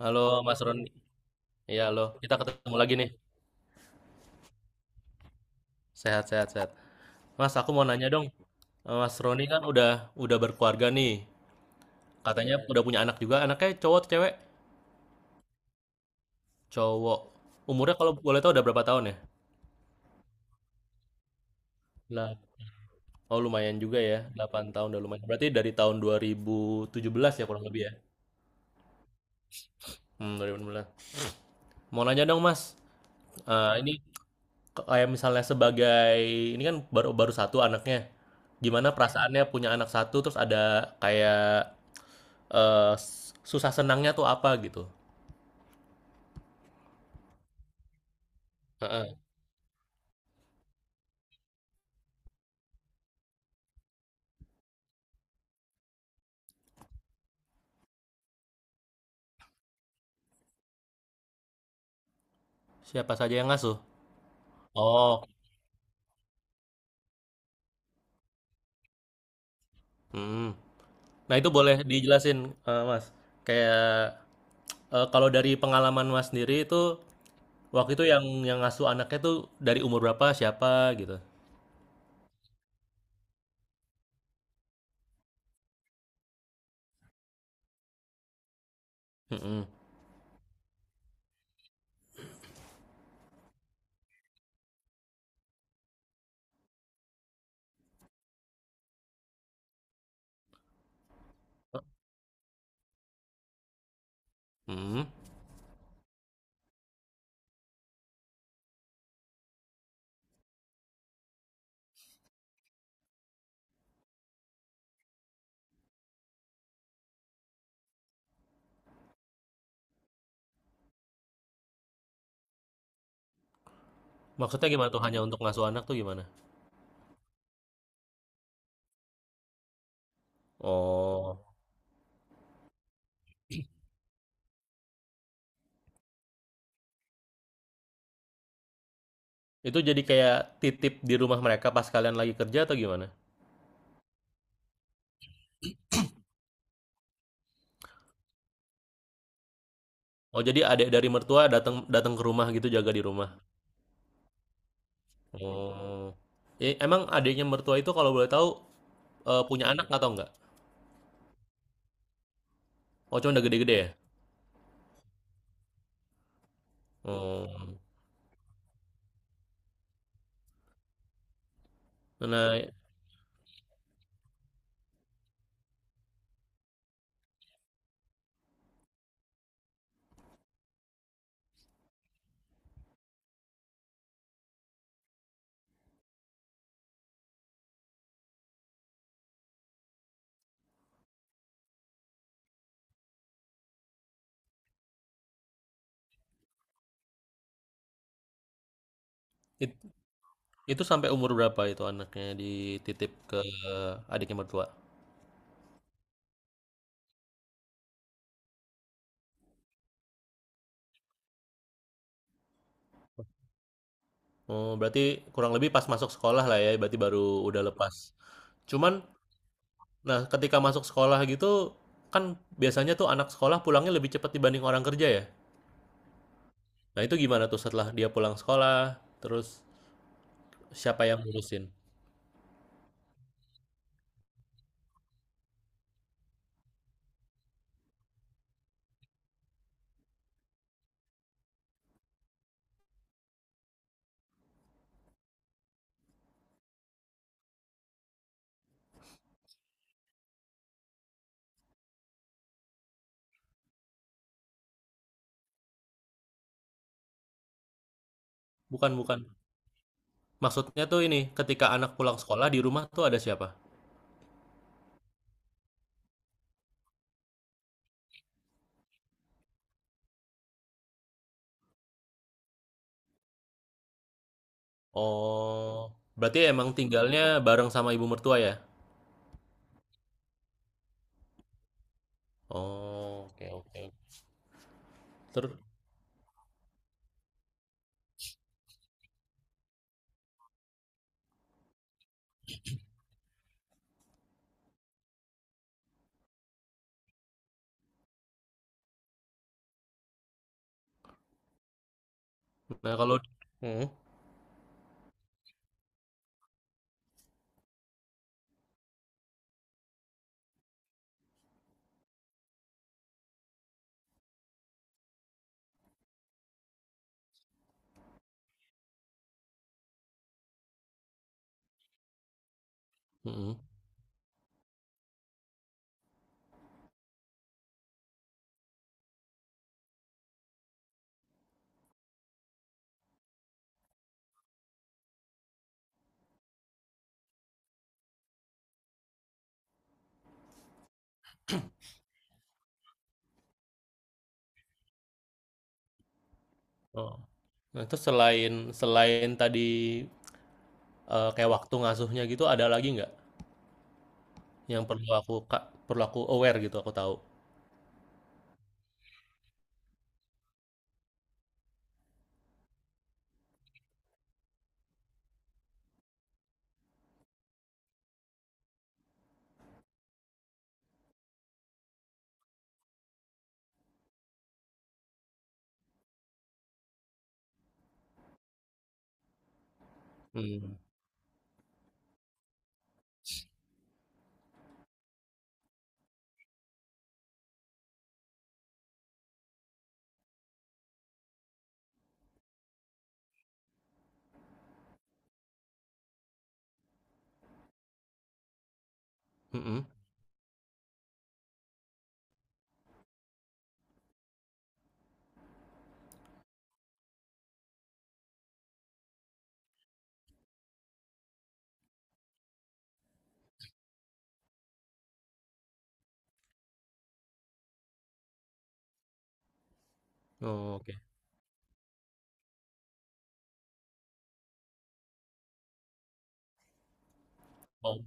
Halo Mas Roni, ya halo, kita ketemu lagi nih. Sehat, sehat, sehat. Mas, aku mau nanya dong, Mas Roni kan udah berkeluarga nih, katanya udah punya anak juga, anaknya cowok atau cewek? Cowok. Umurnya kalau boleh tahu udah berapa tahun ya? Lah, oh lumayan juga ya, 8 tahun udah lumayan. Berarti dari tahun 2017 ya kurang lebih ya? Hmm, 2016. Mau nanya dong Mas, ini kayak misalnya sebagai ini kan baru baru satu anaknya. Gimana perasaannya punya anak satu terus ada kayak susah senangnya tuh apa gitu? Heeh. Siapa saja yang ngasuh? Oh, hmm. Nah itu boleh dijelasin, Mas. Kayak kalau dari pengalaman Mas sendiri itu waktu itu yang ngasuh anaknya tuh dari umur berapa, siapa gitu? Mm. Mm-mm. Mm. Maksudnya gimana tuh hanya untuk ngasuh anak tuh gimana? Oh. Itu jadi kayak titip di rumah mereka pas kalian lagi kerja atau gimana? Oh, jadi adik dari mertua datang datang ke rumah gitu jaga di rumah. Oh. Emang adiknya mertua itu kalau boleh tahu punya anak atau enggak? Oh, cuma udah gede-gede ya? Oh. Nah, it- itu sampai umur berapa itu anaknya dititip ke adiknya mertua? Oh, berarti kurang lebih pas masuk sekolah lah ya, berarti baru udah lepas. Cuman, nah ketika masuk sekolah gitu, kan biasanya tuh anak sekolah pulangnya lebih cepat dibanding orang kerja ya. Nah, itu gimana tuh setelah dia pulang sekolah, terus siapa yang ngurusin? Bukan, bukan. Maksudnya tuh ini, ketika anak pulang sekolah di rumah tuh ada siapa? Oh, berarti emang tinggalnya bareng sama ibu mertua ya? Oh, oke, oke. Terus, nah kalau, hmm, hmm, oh. Nah, terus selain selain tadi kayak waktu ngasuhnya gitu, ada lagi nggak yang perlu aku aware gitu, aku tahu. Hmm, hmm, hmm. Oh, oke. Oh,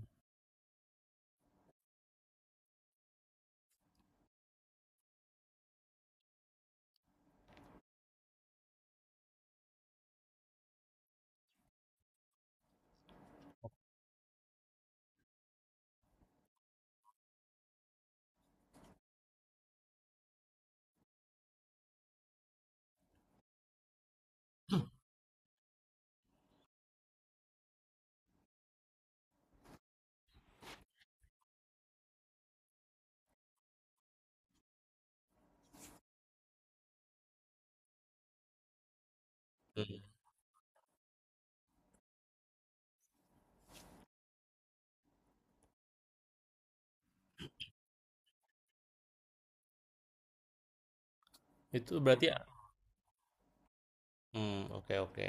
itu berarti. Hmm, oke, oke.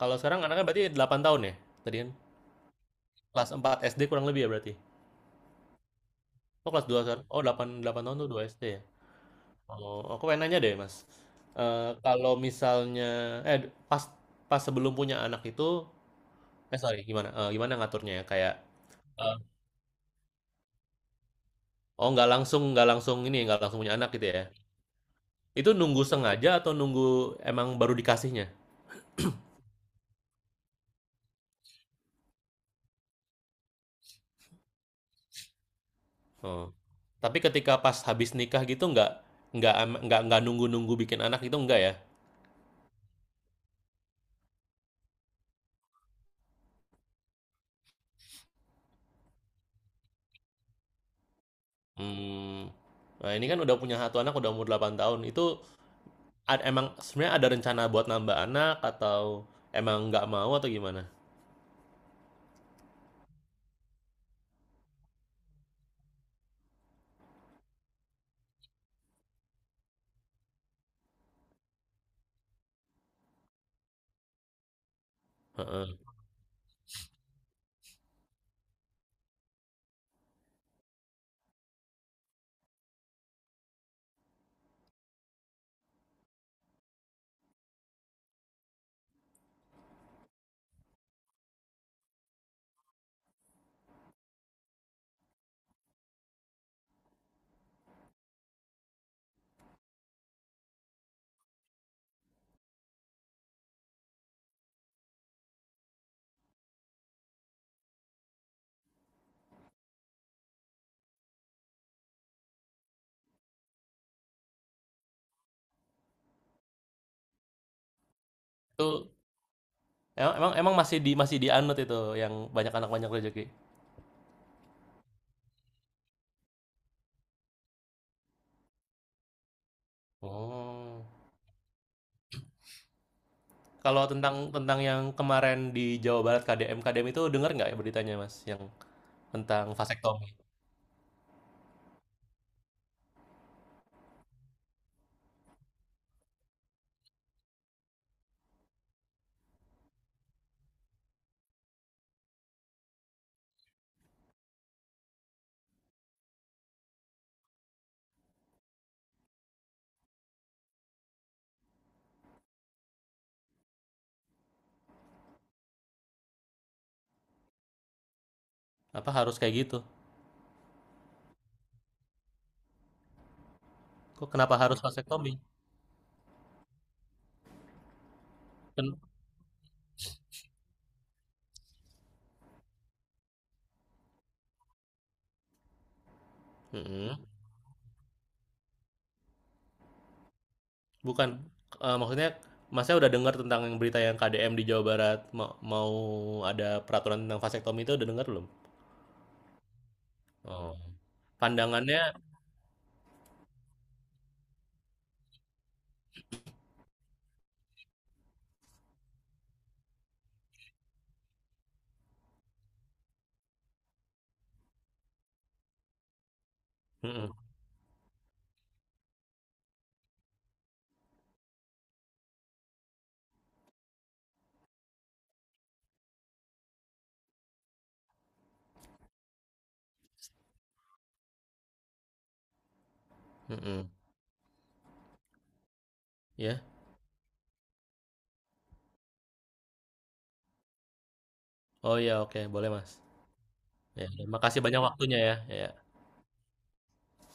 Kalau sekarang anaknya berarti 8 tahun ya? Tadi kan kelas 4 SD kurang lebih ya berarti? Oh, kelas 2 sekarang? Oh, 8 8 tahun tuh 2 SD ya? Oh, aku pengen nanya deh Mas, kalau misalnya eh, pas pas sebelum punya anak itu sorry gimana, gimana ngaturnya ya? Kayak, eee, oh, nggak langsung punya anak gitu ya? Itu nunggu sengaja atau nunggu emang baru dikasihnya? Oh. Tapi ketika pas habis nikah gitu nggak ama nggak nunggu-nunggu bikin anak gitu enggak ya? Mmm, nah ini kan udah punya satu anak udah umur 8 tahun, itu emang sebenarnya ada rencana buat nambah anak atau emang nggak mau atau gimana? Heeh, itu emang emang emang masih dianut itu yang banyak anak banyak rezeki? Oh, kalau tentang tentang yang kemarin di Jawa Barat KDM KDM itu dengar nggak ya beritanya, Mas, yang tentang vasektomi? Apa harus kayak gitu? Kok kenapa harus vasektomi? Ken mhm. Bukan, maksudnya Masnya udah dengar tentang yang berita yang KDM di Jawa Barat mau ada peraturan tentang vasektomi itu udah dengar belum? Oh. Pandangannya. Mhm. Mhm. Iya? Oh, ya, oke boleh Mas. Ya, terima kasih banyak waktunya ya, iya.